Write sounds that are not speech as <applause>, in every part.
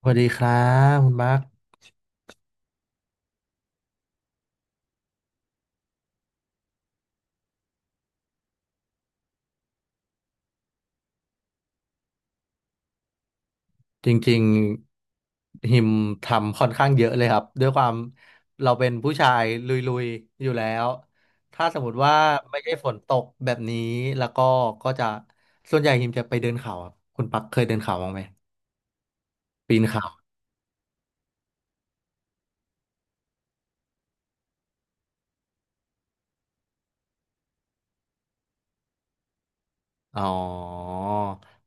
สวัสดีครับคุณมาร์คจริงๆหิมทำค่อนข้างเยอะเลยครับด้วยความเราเป็นผู้ชายลุยๆอยู่แล้วถ้าสมมติว่าไม่ใช่ฝนตกแบบนี้แล้วก็ก็จะส่วนใหญ่หิมจะไปเดินเขาครับคุณปักเคยเดินเขาบ้างไหมปีนเขา อ๋อ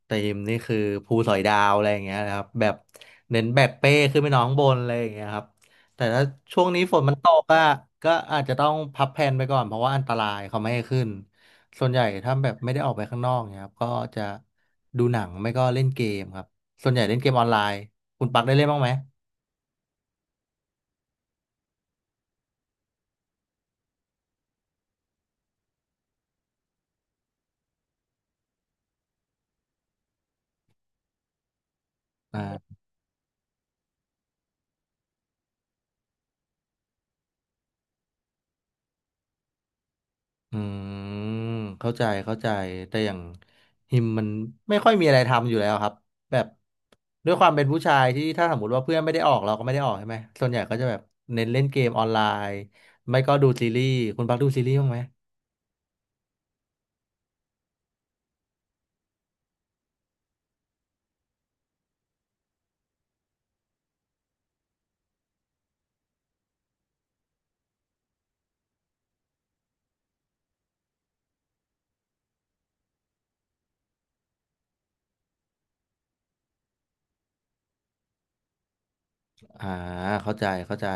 เตีมนี่คือภูสอยดาวอะไรอย่างเงี้ยนะครับแบบเน้นแบกเป้ขึ้นไปนอนข้างบนอะไรอย่างเงี้ยครับแต่ถ้าช่วงนี้ฝนมันตกอะก็อาจจะต้องพับแผนไปก่อนเพราะว่าอันตรายเขาไม่ให้ขึ้นส่วนใหญ่ถ้าแบบไม่ได้ออกไปข้างนอกเนี่ยครับก็จะดูหนังไม่ก็เล่นเกมครับส่วนใหญ่เล่นเกมออนไลน์คุณปักได้เล่นบ้างไหมอ่า อืมเข้าใจเข้าใจแต่อย่างฮิมมันไม่ค่อยมีอะไรทำอยู่แล้วครับแบบด้วยความเป็นผู้ชายที่ถ้าสมมติว่าเพื่อนไม่ได้ออกเราก็ไม่ได้ออกใช่ไหมส่วนใหญ่ก็จะแบบเน้นเล่นเกมออนไลน์ไม่ก็ดูซีรีส์คุณพักดูซีรีส์บ้างไหมอ่าเข้าใจเข้าใจ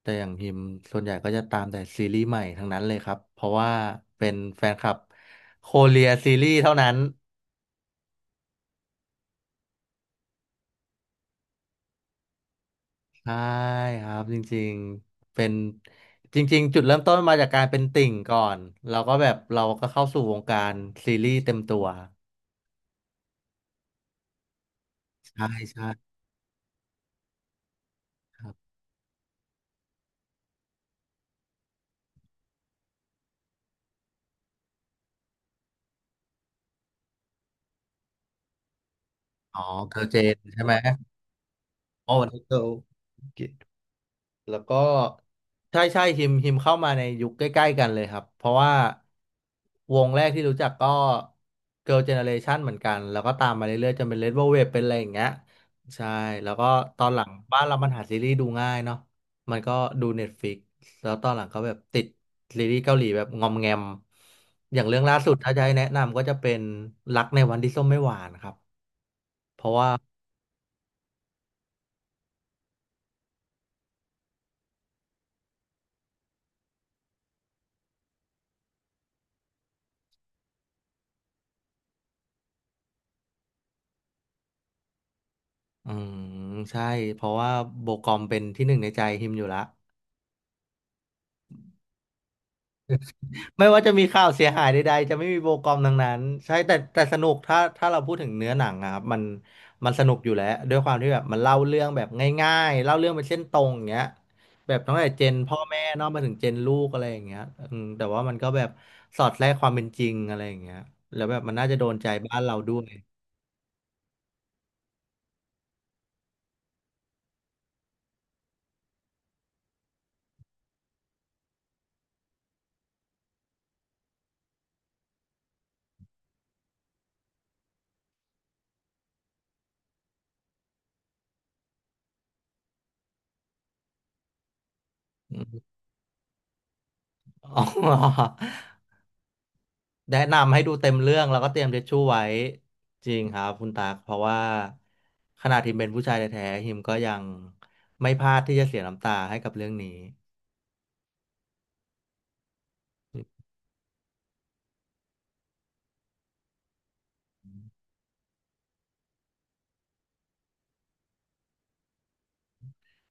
แต่อย่างฮิมส่วนใหญ่ก็จะตามแต่ซีรีส์ใหม่ทั้งนั้นเลยครับเพราะว่าเป็นแฟนคลับโคเรียซีรีส์เท่านั้น ใช่ครับจริงๆเป็นจริงๆจุดเริ่มต้นมาจากการเป็นติ่งก่อนเราก็แบบเราก็เข้าสู่วงการซีรีส์เต็มตัวใช่ใช่ครับอ๋อเกิร์ลเจนใช่ไหมโอ้วันนี้เกิร์ล แล้วก็ใช่ใช่ฮิมเข้ามาในยุคใกล้ๆกันเลยครับเพราะว่าวงแรกที่รู้จักก็ Girl Generation เหมือนกันแล้วก็ตามมาเรื่อยๆจนเป็น Red Velvet เป็นอะไรอย่างเงี้ยใช่แล้วก็ตอนหลังบ้านเรามันหาซีรีส์ดูง่ายเนาะมันก็ดู Netflix แล้วตอนหลังก็แบบติดซีรีส์เกาหลีแบบงอมแงมอย่างเรื่องล่าสุดถ้าจะให้แนะนำก็จะเป็นรักในวันที่ส้มไม่หวานครับเพราะว่าอืมใช่เพราะว่าโบกอมเป็นที่หนึ่งในใจฮิมอยู่ละ ไม่ว่าจะมีข่าวเสียหายใดๆจะไม่มีโบกอมทั้งนั้นใช่แต่สนุกถ้าเราพูดถึงเนื้อหนังอะครับมันสนุกอยู่แล้วด้วยความที่แบบมันเล่าเรื่องแบบง่ายๆเล่าเรื่องเป็นเส้นตรงอย่างเงี้ยแบบตั้งแต่เจนพ่อแม่เนอกมาถึงเจนลูกอะไรอย่างเงี้ยอืมแต่ว่ามันก็แบบสอดแทรกความเป็นจริงอะไรอย่างเงี้ยแล้วแบบมันน่าจะโดนใจบ้านเราด้วยอืม <laughs> อ๋อ แนะนำให้ดูเต็มเรื่องแล้วก็เตรียมทิชชู่ไว้จริงครับคุณตากเพราะว่าขนาดฮิมเป็นผู้ชายแท้ๆฮิมก็ยังไม่พลาดที่จะเสียน้ำตาให้กับเรื่องนี้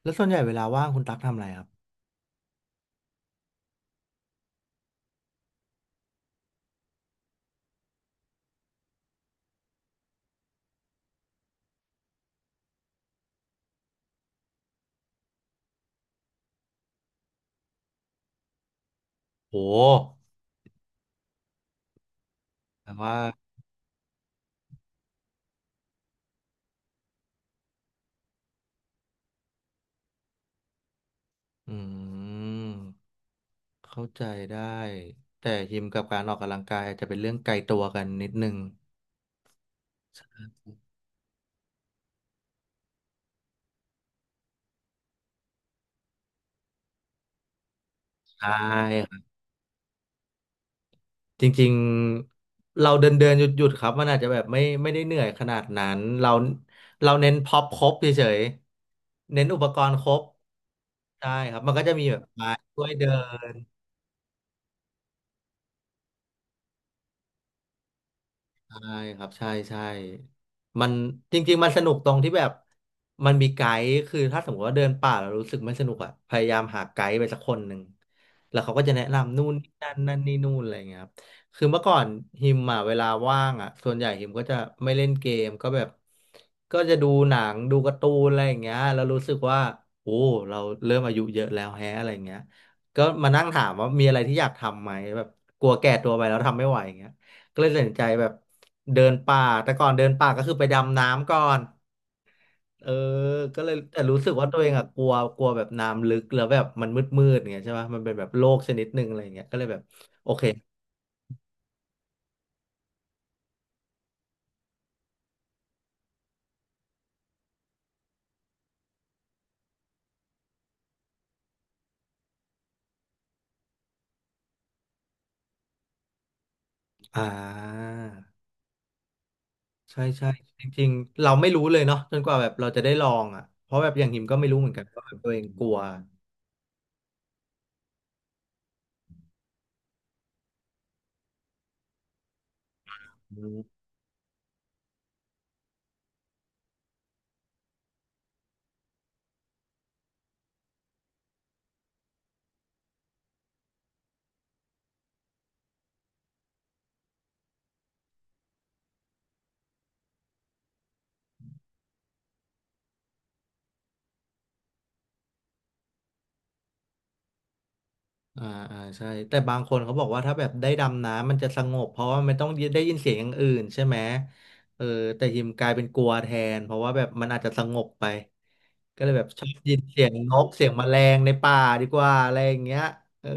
แล้วส่วนใหญ่เวลาว่างคุณตักทำอะไรครับโหแต่ว่าอืมเข้าใจได้แต่ฮิมกับการออกกำลังกายอาจจะเป็นเรื่องไกลตัวกันนิดนึงใช่ครับจริงๆเราเดินเดินหยุดหยุดๆครับมันอาจจะแบบไม่ได้เหนื่อยขนาดนั้นเราเน้นพ็อปครบเฉย เน้นอุปกรณ์ครบใช่ครับมันก็จะมีแบบไม้ช่วยเดิ ใช่ครับใช่ใช่มันจริงๆมันสนุกตรงที่แบบมันมีไกด์คือถ้าสมมติว่าเดินป่าแล้วรู้สึกไม่สนุกอ่ะพยายามหาไกด์ไปสักคนหนึ่งแล้วเขาก็จะแนะนำนู่นนี่นั่นนั่นนี่นู่นอะไรอย่างเงี้ยครับคือเมื่อก่อนฮิมอ่ะเวลาว่างอ่ะส่วนใหญ่ฮิมก็จะไม่เล่นเกมก็แบบก็จะดูหนังดูการ์ตูนอะไรอย่างเงี้ยแล้วรู้สึกว่าโอ้เราเริ่มอายุเยอะแล้วแฮะอะไรอย่างเงี้ยก็มานั่งถามว่ามีอะไรที่อยากทำไหมแบบกลัวแก่ตัวไปแล้วทำไม่ไหว ก็เลยตัดสินใจแบบเดินป่าแต่ก่อนเดินป่าก็คือไปดำน้ำก่อนเออก็เลยแต่รู้สึกว่าตัวเองอะกลัวกลัวแบบน้ำลึกแล้วแบบมันมืดอย่างเงี้ยใช่ปะมันเป็นแบบโลกชนิดหนึ่งอะไรอย่างเงี้ยก็เลยแบบโอเคอ่าใช่ใช่จริงๆเราไม่รู้เลยเนาะจนกว่าแบบเราจะได้ลองอ่ะเพราะแบบอย่างหิมก็ไม่รู้เหมือนกันว่าแบบตัวเองกลัว อ่าอ่าใช่แต่บางคนเขาบอกว่าถ้าแบบได้ดำน้ำมันจะสงบเพราะว่ามันต้องได้ยินเสียงอย่างอื่นใช่ไหมเออแต่ฮิมกลายเป็นกลัวแทนเพราะว่าแบบมันอาจจะสงบไปก็เลยแบบชอบยินเสียงนกเสียงแมลงในป่าดีกว่าอะไรอย่างเงี้ยเออ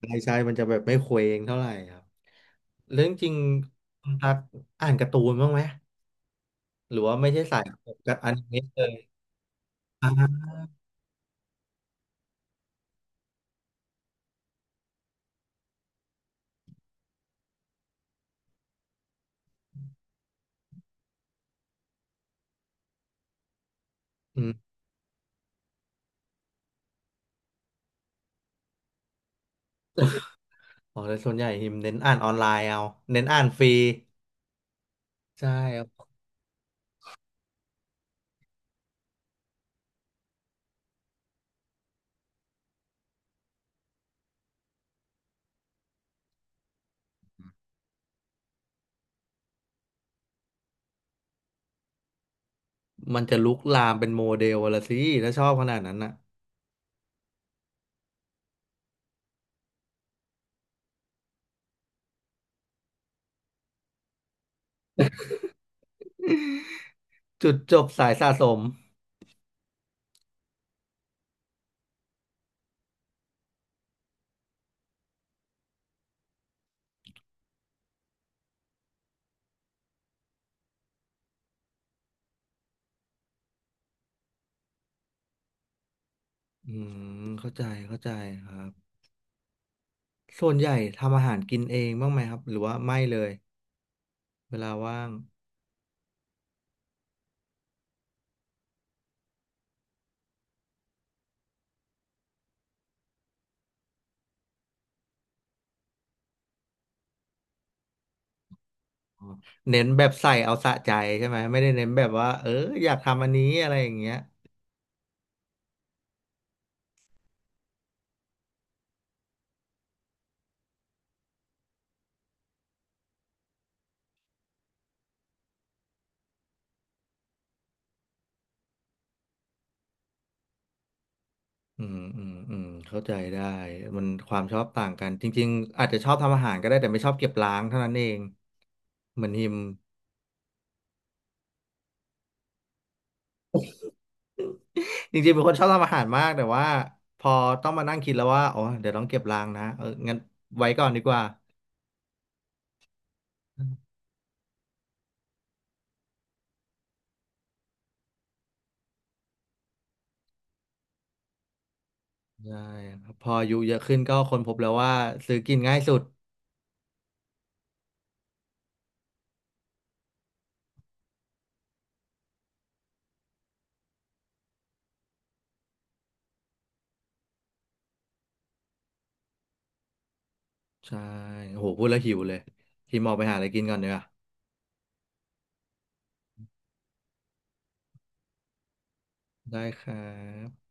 ใช่ใช่มันจะแบบไม่เคว้งเท่าไหร่ครับเรื่องจริงคุณตักอ่านการ์ตูนบ้างไหมหรือว่าไม่ใช่สายกับอนิเมะเลยอ่าอืมอ๋อแล้วส่วนใหญ่ฮิมเน้นอ่านออนไลน์เอาเน้นอ่านฟรีใช่ครับ มันจะลุกลามเป็นโมเดลละสิถ้าชอบขนาดนั้นน่ะจุดจบสายสะสมอืมเข้าใจเข้าใจครับส่วนใหญ่ทำอาหารกินเองบ้างไหมครับหรือว่าไม่เลยเวลาว่างอ๋อเน้นแบบใส่เอาสะใจใช่ไหมไม่ได้เน้นแบบว่าเอออยากทำอันนี้อะไรอย่างเงี้ยอืมเข้าใจได้มันความชอบต่างกันจริงๆอาจจะชอบทำอาหารก็ได้แต่ไม่ชอบเก็บล้างเท่านั้นเองเหมือนฮิม จริงๆเป็นคนชอบทำอาหารมากแต่ว่าพอต้องมานั่งคิดแล้วว่าอ๋อเดี๋ยวต้องเก็บรางนะเอองั้นไว้ก่อนดีกว่าใช่ครับพออายุเยอะขึ้นก็ค้นพบแล้วว่าซื้อกินง่ายสุดใช่โหพูดแล้วหิวเลยพี่มออกไปหาอะไรกินก่อนเนีกว่ยได้ครับ